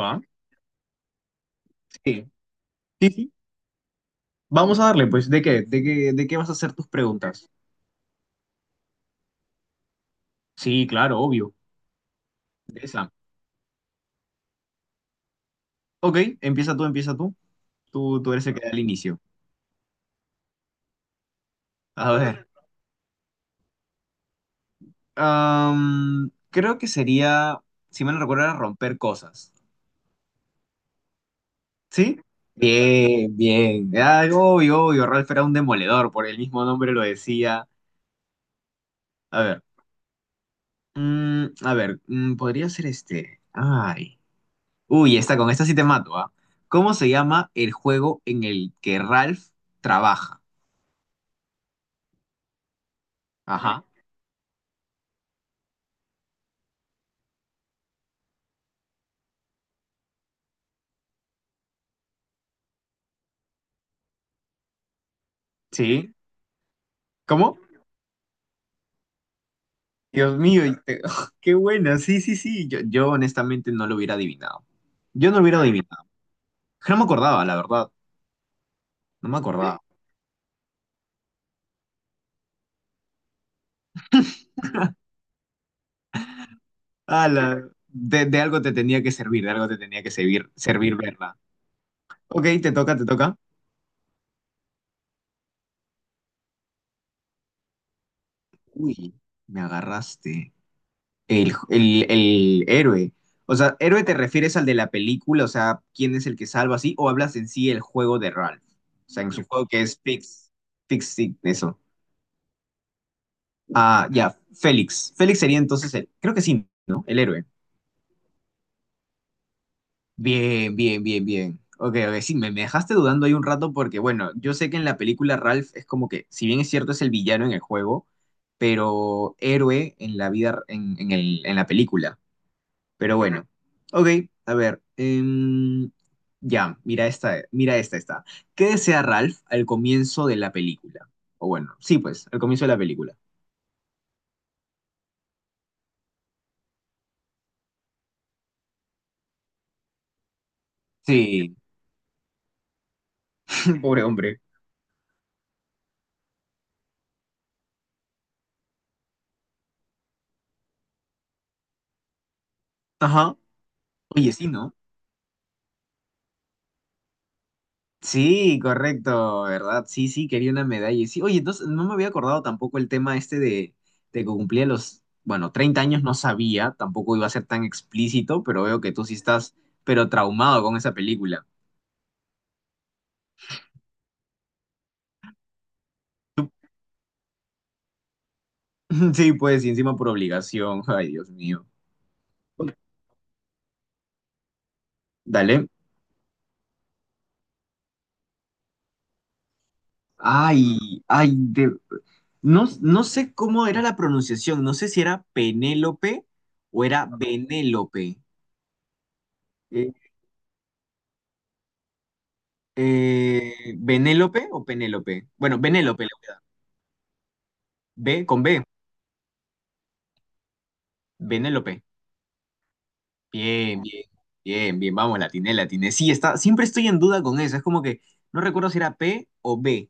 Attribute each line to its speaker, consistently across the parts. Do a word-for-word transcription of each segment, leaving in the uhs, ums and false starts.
Speaker 1: Va, sí, sí, sí. Vamos a darle, pues, ¿de qué? ¿De qué, de qué vas a hacer tus preguntas? Sí, claro, obvio. Esa. Ok, empieza tú, empieza tú. Tú, tú eres el que da el inicio. A ver. Am, creo que sería, si me recuerdo, era romper cosas. ¿Sí? Bien, bien. Ah, obvio, obvio. Ralph era un demoledor, por el mismo nombre lo decía. A ver. Mm, a ver, mm, podría ser este. Ay. Uy, esta, con esta sí te mato, ¿ah? ¿Cómo se llama el juego en el que Ralph trabaja? Ajá. ¿Sí? ¿Cómo? Dios mío, y te- qué buena. Sí, sí, sí. Yo, yo honestamente no lo hubiera adivinado. Yo no lo hubiera adivinado. No me acordaba, la verdad. No me acordaba. Ala, de, de algo te tenía que servir, de algo te tenía que servir, servir verla. Ok, te toca, te toca. Uy, me agarraste. el, el, el héroe. O sea, héroe te refieres al de la película, o sea, quién es el que salva así, o hablas en sí el juego de Ralph. O sea, en su juego que es Fix, Fix, sí, eso. Ah, ya, Félix. Félix sería entonces el, creo que sí, ¿no? El héroe. Bien, bien, bien, bien. Ok, ok, sí, me, me dejaste dudando ahí un rato porque, bueno, yo sé que en la película Ralph es como que, si bien es cierto, es el villano en el juego, pero héroe en la vida, en, en el, en la película. Pero bueno, ok, a ver. Em, ya, mira esta, mira esta, esta. ¿Qué desea Ralph al comienzo de la película? O bueno, sí, pues, al comienzo de la película. Sí, pobre hombre. Ajá. Oye, sí, ¿no? Sí, correcto, ¿verdad? Sí, sí, quería una medalla. y Sí, oye, entonces no me había acordado tampoco el tema este de, de que cumplía los, bueno, treinta años no sabía, tampoco iba a ser tan explícito, pero veo que tú sí estás, pero traumado con esa película. Sí, pues, y encima por obligación. Ay, Dios mío. Dale. Ay, ay, de... no, no sé cómo era la pronunciación. No sé si era Penélope o era Benélope. Eh, eh, ¿Benélope o Penélope? Bueno, Benélope. B con B. Benélope. Bien, bien, bien, bien, vamos, la atiné, la atiné. Sí, está, siempre estoy en duda con eso, es como que no recuerdo si era P o B,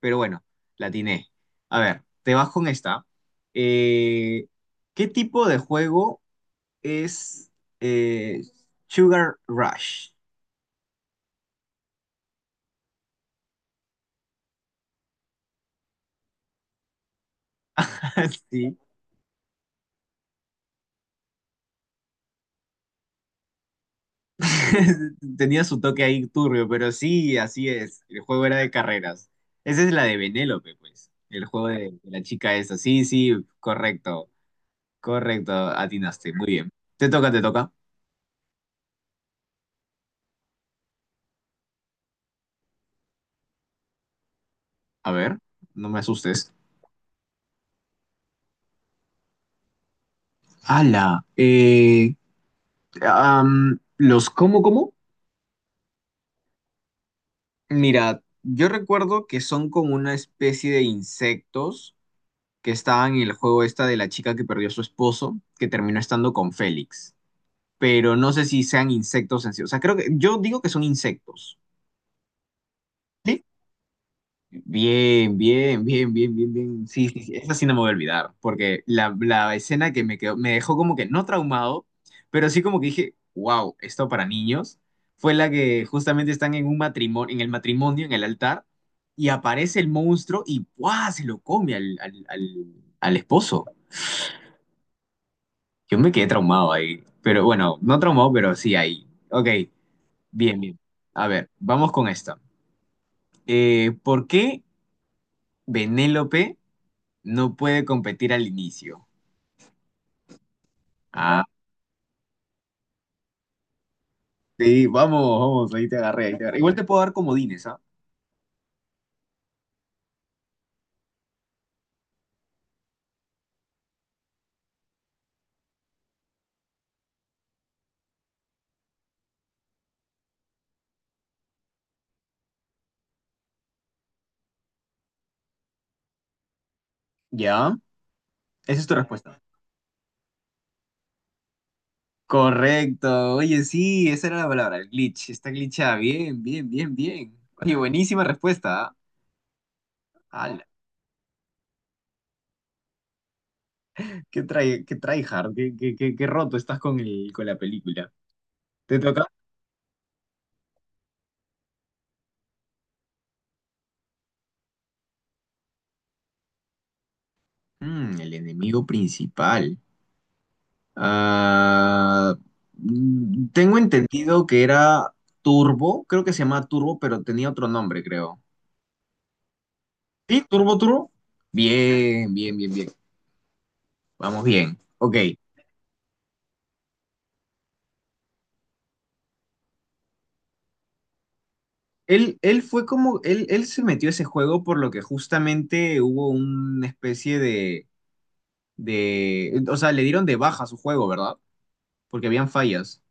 Speaker 1: pero bueno, la atiné. A ver, te vas con esta. Eh, ¿Qué tipo de juego es eh, Sugar Rush? Sí, tenía su toque ahí turbio, pero sí, así es, el juego era de carreras. Esa es la de Benélope, pues, el juego de, de la chica esa, sí, sí, correcto. Correcto, atinaste. Muy bien. Te toca, te toca. A ver, no me asustes. ¡Hala! Eh, am, ¿los cómo, cómo? Mira, yo recuerdo que son como una especie de insectos que estaban en el juego esta de la chica que perdió a su esposo, que terminó estando con Félix. Pero no sé si sean insectos en sí. O sea, creo que yo digo que son insectos. ¿Sí? Bien, bien, bien, bien, bien, bien. Sí, sí, sí, esa sí no me voy a olvidar, porque la, la escena que me quedó, me dejó como que no traumado, pero sí como que dije, wow, esto para niños, fue la que justamente están en un matrimonio, en el matrimonio, en el altar, y aparece el monstruo y ¡guau! Se lo come al, al, al, al esposo. Yo me quedé traumado ahí, pero bueno, no traumado, pero sí ahí. Ok, bien, bien. A ver, vamos con esta. Eh, ¿por qué Benélope? No puede competir al inicio. Ah, no, sí, vamos, vamos, ahí te agarré, ahí te agarré. Igual te puedo dar comodines, ¿ah? ¿Ya? Esa es tu respuesta. Correcto. Oye, sí, esa era la palabra, el glitch. Está glitchada. Bien, bien, bien, bien. Oye, buenísima respuesta, ¿ah? Ala, qué trae, qué tryhard, qué, qué, qué, qué roto estás con el, con la película. ¿Te toca? Mm, el enemigo principal. Ah, mm, tengo entendido que era Turbo, creo que se llama Turbo, pero tenía otro nombre, creo. Sí, Turbo Turbo. Bien, bien, bien, bien. Vamos bien. Ok. Él, él fue como, él, él se metió a ese juego por lo que justamente hubo una especie de, de, o sea, le dieron de baja a su juego, ¿verdad? Porque habían fallas.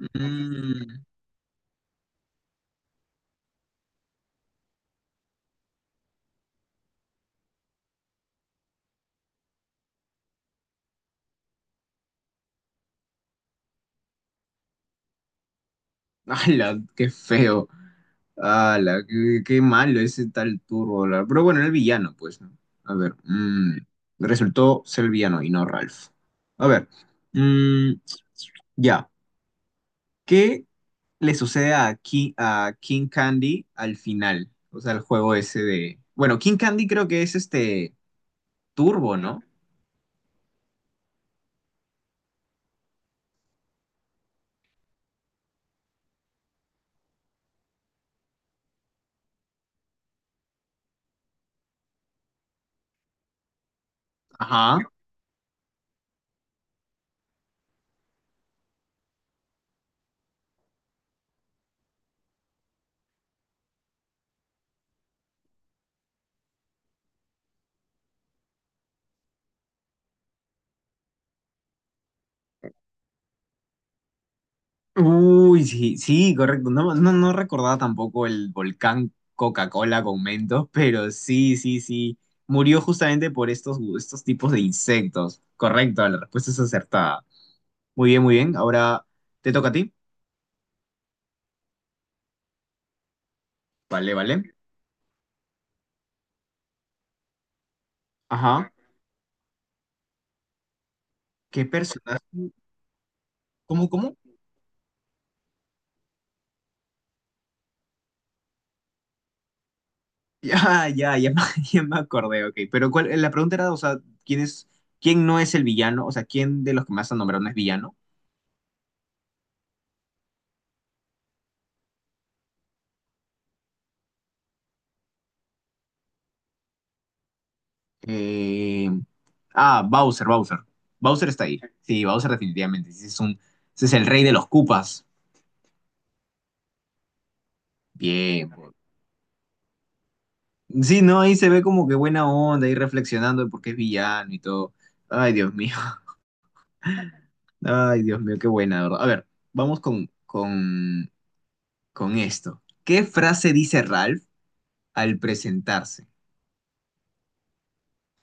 Speaker 1: Mm. ¡Hala! ¡Qué feo! ¡Hala! Qué, qué malo ese tal Turbo! la- Pero bueno, era el villano, pues, ¿no? A ver. mm, Resultó ser el villano y no Ralph. A ver. mm, ya. ¿Qué le sucede a King, a King Candy al final? O sea, el juego ese de. Bueno, King Candy creo que es este Turbo, ¿no? Ajá. Uy, sí, sí, correcto. No, no, no recordaba tampoco el volcán Coca-Cola con Mentos, pero sí, sí, sí. Murió justamente por estos, estos tipos de insectos. Correcto, la respuesta es acertada. Muy bien, muy bien. Ahora te toca a ti. Vale, vale. Ajá. ¿Qué personaje? ¿Cómo, cómo? Ya, ya, ya, me- ya me acordé, ok. Pero cuál, la pregunta era, o sea, ¿quién es, quién no es el villano? O sea, ¿quién de los que más han nombrado no es villano? Eh, ah, Bowser, Bowser. Bowser está ahí. Sí, Bowser definitivamente. Ese es un, ese es el rey de los cupas. Bien. Sí, no, ahí se ve como que buena onda, ahí reflexionando de por qué es villano y todo. Ay, Dios mío. Ay, Dios mío, qué buena, de ¿verdad? A ver, vamos con, con, con esto. ¿Qué frase dice Ralph al presentarse?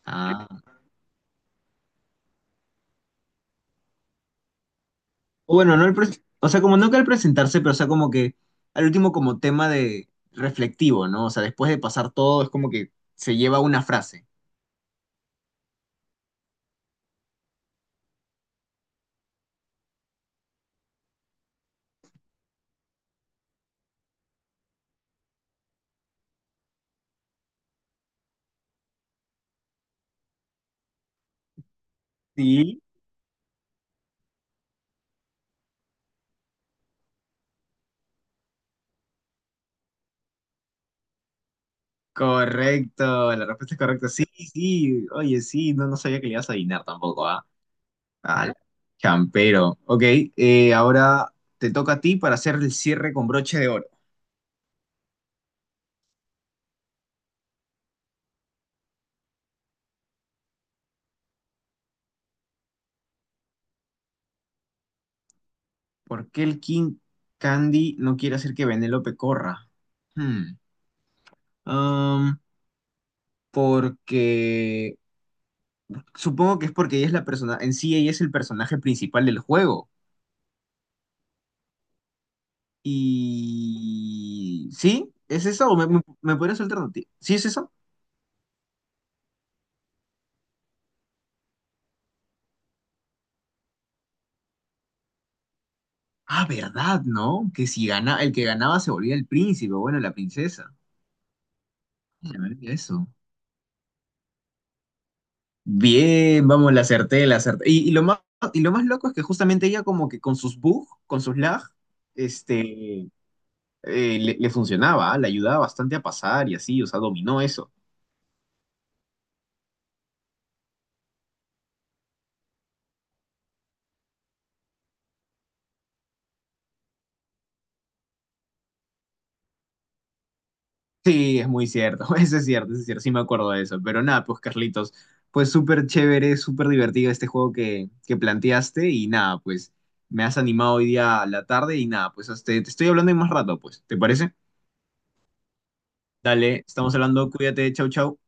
Speaker 1: Ah. O bueno, no el pres- o sea, como no que al presentarse, pero o sea, como que al último como tema de reflectivo, ¿no? O sea, después de pasar todo, es como que se lleva una frase. Sí, correcto, la respuesta es correcta. Sí, sí, oye, sí, no, no sabía que le ibas a adivinar tampoco, ¿ah? Al champero. Ok, eh, ahora te toca a ti para hacer el cierre con broche de oro. ¿Por qué el King Candy no quiere hacer que Pecorra? ¿Corra? Hmm. Um, Porque supongo que es porque ella es la persona, en sí ella es el personaje principal del juego. Y... ¿Sí? ¿Es eso? ¿O me, me, me podrías alternativa? ¿Sí es eso? Ah, ¿verdad, no? Que si gana, el que ganaba se volvía el príncipe, bueno, la princesa. Se me olvidó eso. Bien, vamos, la acerté, la acerté. Y, y lo más, y lo más, loco es que justamente ella como que con sus bugs, con sus lag, este, eh, le, le funcionaba, ¿ah? Le ayudaba bastante a pasar y así, o sea, dominó eso. Sí, es muy cierto, eso es cierto, eso es cierto, sí me acuerdo de eso. Pero nada, pues Carlitos, pues súper chévere, súper divertido este juego que, que planteaste y nada, pues me has animado hoy día a la tarde y nada, pues hasta- te estoy hablando en más rato, pues, ¿te parece? Dale, estamos hablando, cuídate, chau, chau.